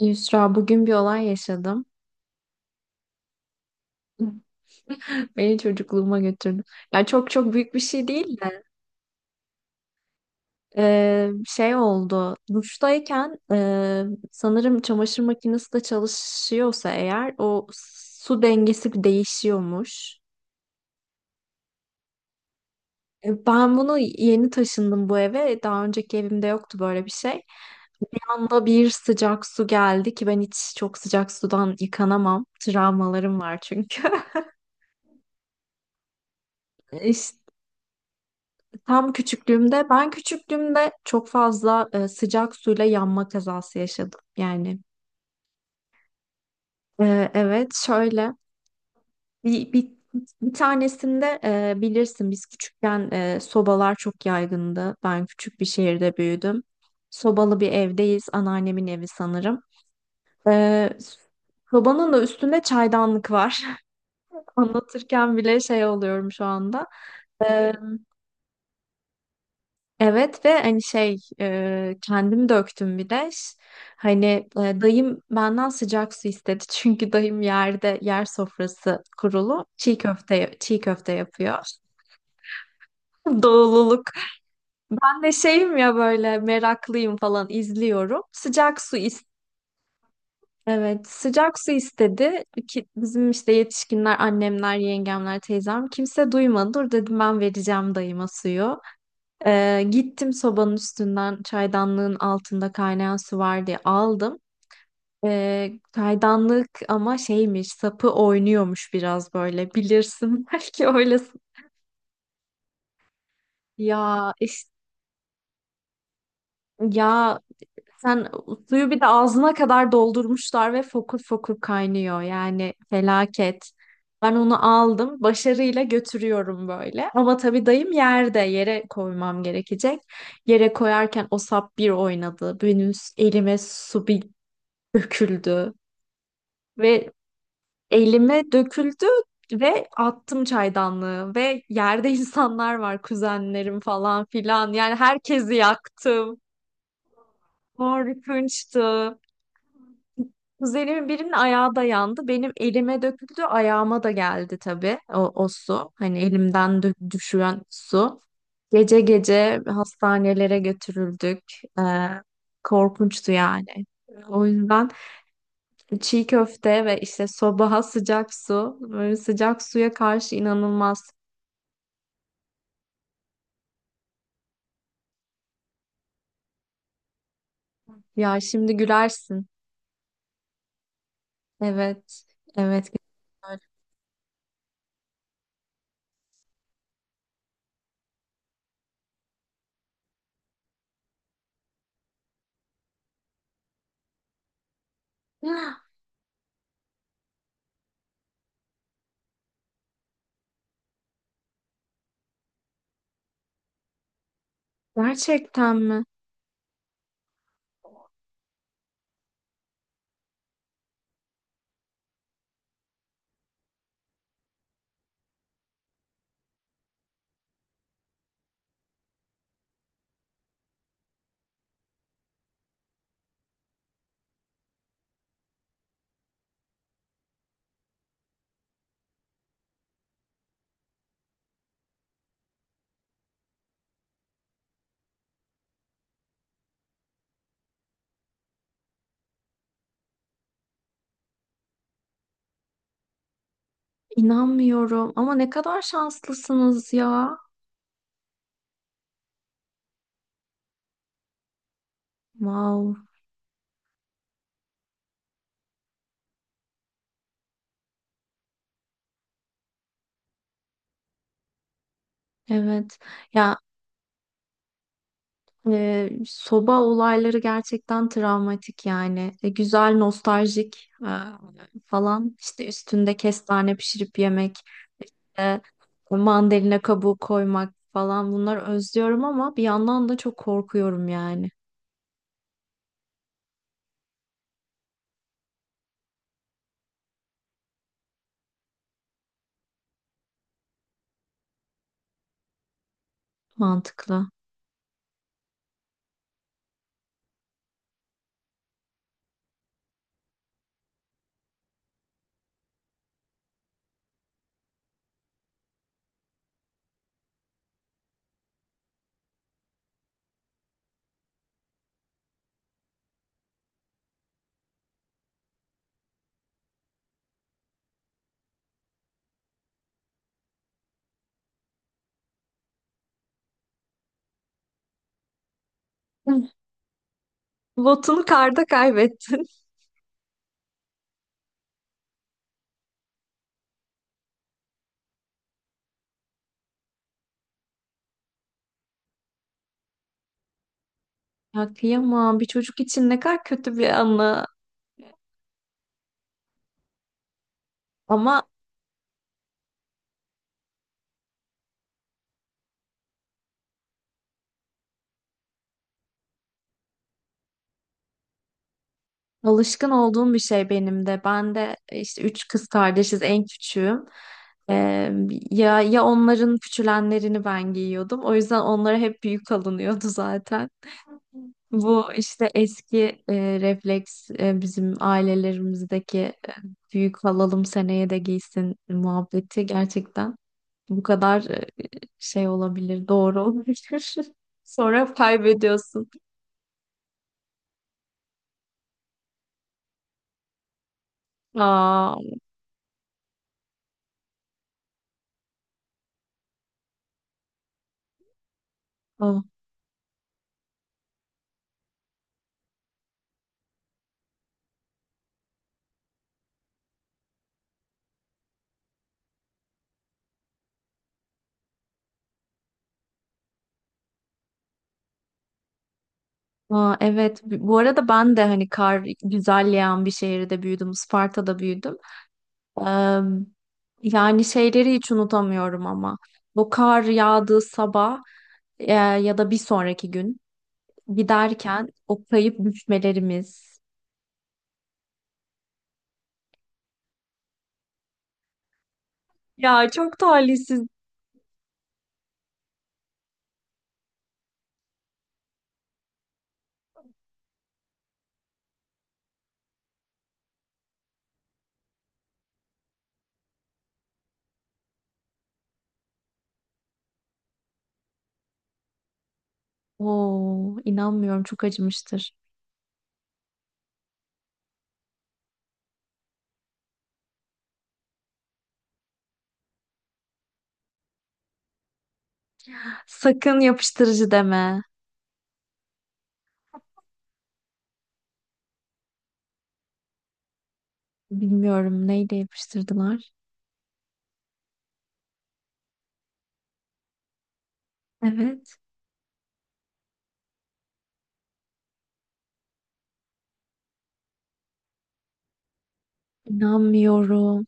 Yusra bugün bir olay yaşadım. Beni çocukluğuma götürdü. Yani çok çok büyük bir şey değil de şey oldu. Duştayken sanırım çamaşır makinesi de çalışıyorsa eğer o su dengesi değişiyormuş. Ben bunu yeni taşındım bu eve. Daha önceki evimde yoktu böyle bir şey. Bir anda bir sıcak su geldi ki ben hiç çok sıcak sudan yıkanamam. Travmalarım var çünkü. Tam küçüklüğümde, ben küçüklüğümde çok fazla sıcak suyla yanma kazası yaşadım. Yani evet şöyle bir, bir, bir tanesinde bilirsin biz küçükken sobalar çok yaygındı. Ben küçük bir şehirde büyüdüm. Sobalı bir evdeyiz. Anneannemin evi sanırım. E, sobanın da üstünde çaydanlık var. Anlatırken bile şey oluyorum şu anda. E, Evet ve hani şey kendim döktüm bir de. Hani dayım benden sıcak su istedi. Çünkü dayım yerde yer sofrası kurulu çiğ köfte yapıyor. Doğululuk. Ben de şeyim ya böyle meraklıyım falan izliyorum. Sıcak su is evet, sıcak su istedi ki bizim işte yetişkinler, annemler, yengemler, teyzem kimse duymadı. Dur dedim ben vereceğim dayıma suyu. Gittim sobanın üstünden çaydanlığın altında kaynayan su var diye aldım. Çaydanlık ama şeymiş sapı oynuyormuş biraz böyle bilirsin belki öylesin. Ya iş ya Sen suyu bir de ağzına kadar doldurmuşlar ve fokur fokur kaynıyor. Yani felaket. Ben onu aldım, başarıyla götürüyorum böyle. Ama tabii dayım yerde, yere koymam gerekecek. Yere koyarken o sap bir oynadı. Benim elime su bir döküldü ve elime döküldü ve attım çaydanlığı ve yerde insanlar var, kuzenlerim falan filan. Yani herkesi yaktım. Korkunçtu. Kuzenimin birinin ayağı da yandı. Benim elime döküldü, ayağıma da geldi tabii o su. Hani elimden düşen su. Gece gece hastanelere götürüldük. Ee, korkunçtu yani. O yüzden çiğ köfte ve işte sobaha sıcak su, böyle sıcak suya karşı inanılmaz. Ya şimdi gülersin. Evet, evet. Öyle. Gerçekten mi? İnanmıyorum. Ama ne kadar şanslısınız ya. Wow. Evet. Ya soba olayları gerçekten travmatik yani. E, güzel, nostaljik falan. İşte üstünde kestane pişirip yemek, e, mandalina kabuğu koymak falan bunları özlüyorum ama bir yandan da çok korkuyorum yani. Mantıklı. Hı. Botunu karda kaybettin. Ya kıyamam. Bir çocuk için ne kadar kötü bir anı. Ama alışkın olduğum bir şey benim de. Ben de işte üç kız kardeşiz, en küçüğüm. Ee, ya ya onların küçülenlerini ben giyiyordum. O yüzden onlara hep büyük alınıyordu zaten. Bu işte eski refleks bizim ailelerimizdeki büyük alalım seneye de giysin muhabbeti gerçekten bu kadar şey olabilir, doğru olabilir. Sonra kaybediyorsun. Aa, aa, evet. Bu arada ben de hani kar güzel yağan bir şehirde büyüdüm. Isparta'da büyüdüm. Eee, yani şeyleri hiç unutamıyorum ama. Bu kar yağdığı sabah ya da bir sonraki gün giderken o kayıp düşmelerimiz. Ya çok talihsiz. Oo, inanmıyorum çok acımıştır. Sakın yapıştırıcı deme. Bilmiyorum neyle yapıştırdılar. Evet. İnanmıyorum.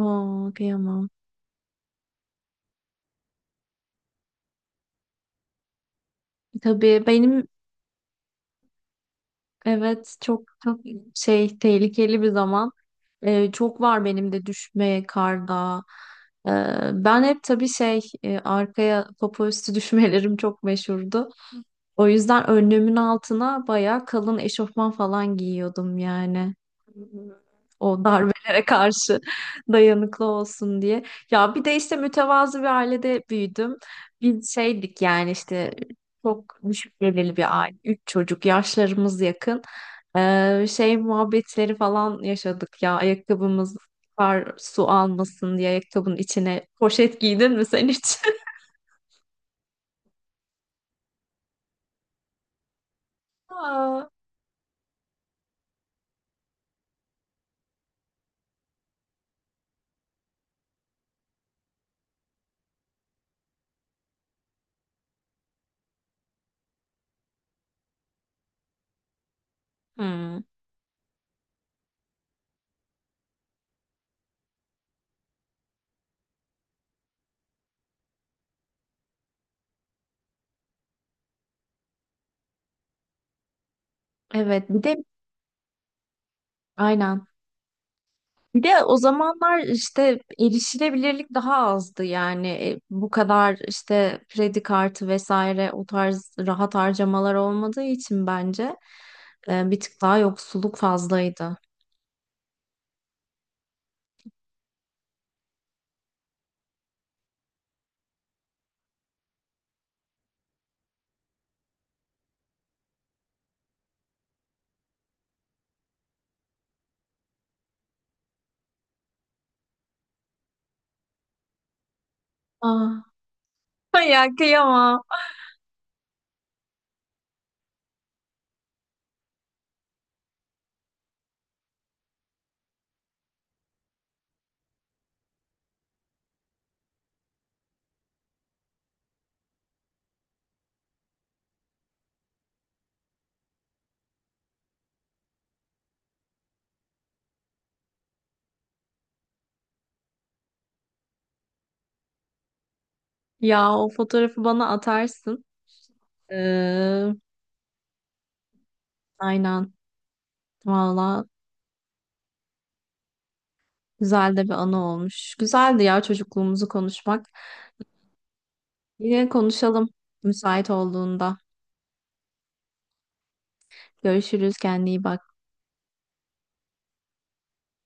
Oo, kıyamam. Tabii benim evet çok çok şey tehlikeli bir zaman. Çok var benim de düşme karda. Ee, ben hep tabii şey arkaya popo üstü düşmelerim çok meşhurdu. O yüzden önlüğümün altına bayağı kalın eşofman falan giyiyordum yani. O darbelere karşı dayanıklı olsun diye. Ya bir de işte mütevazı bir ailede büyüdüm. Biz şeydik yani işte çok düşük gelirli bir aile. Üç çocuk yaşlarımız yakın. Şey muhabbetleri falan yaşadık ya ayakkabımız kar su almasın diye ayakkabının içine poşet giydin mi sen hiç? Aa. Hmm. Evet bir de aynen. Bir de o zamanlar işte erişilebilirlik daha azdı yani bu kadar işte kredi kartı vesaire o tarz rahat harcamalar olmadığı için bence bir tık daha yoksulluk fazlaydı. Ah. Ay ya kıyamam. Ya o fotoğrafı bana atarsın. Ee, aynen. Valla güzel de bir anı olmuş. Güzeldi ya çocukluğumuzu konuşmak. Yine konuşalım müsait olduğunda. Görüşürüz. Kendine iyi bak.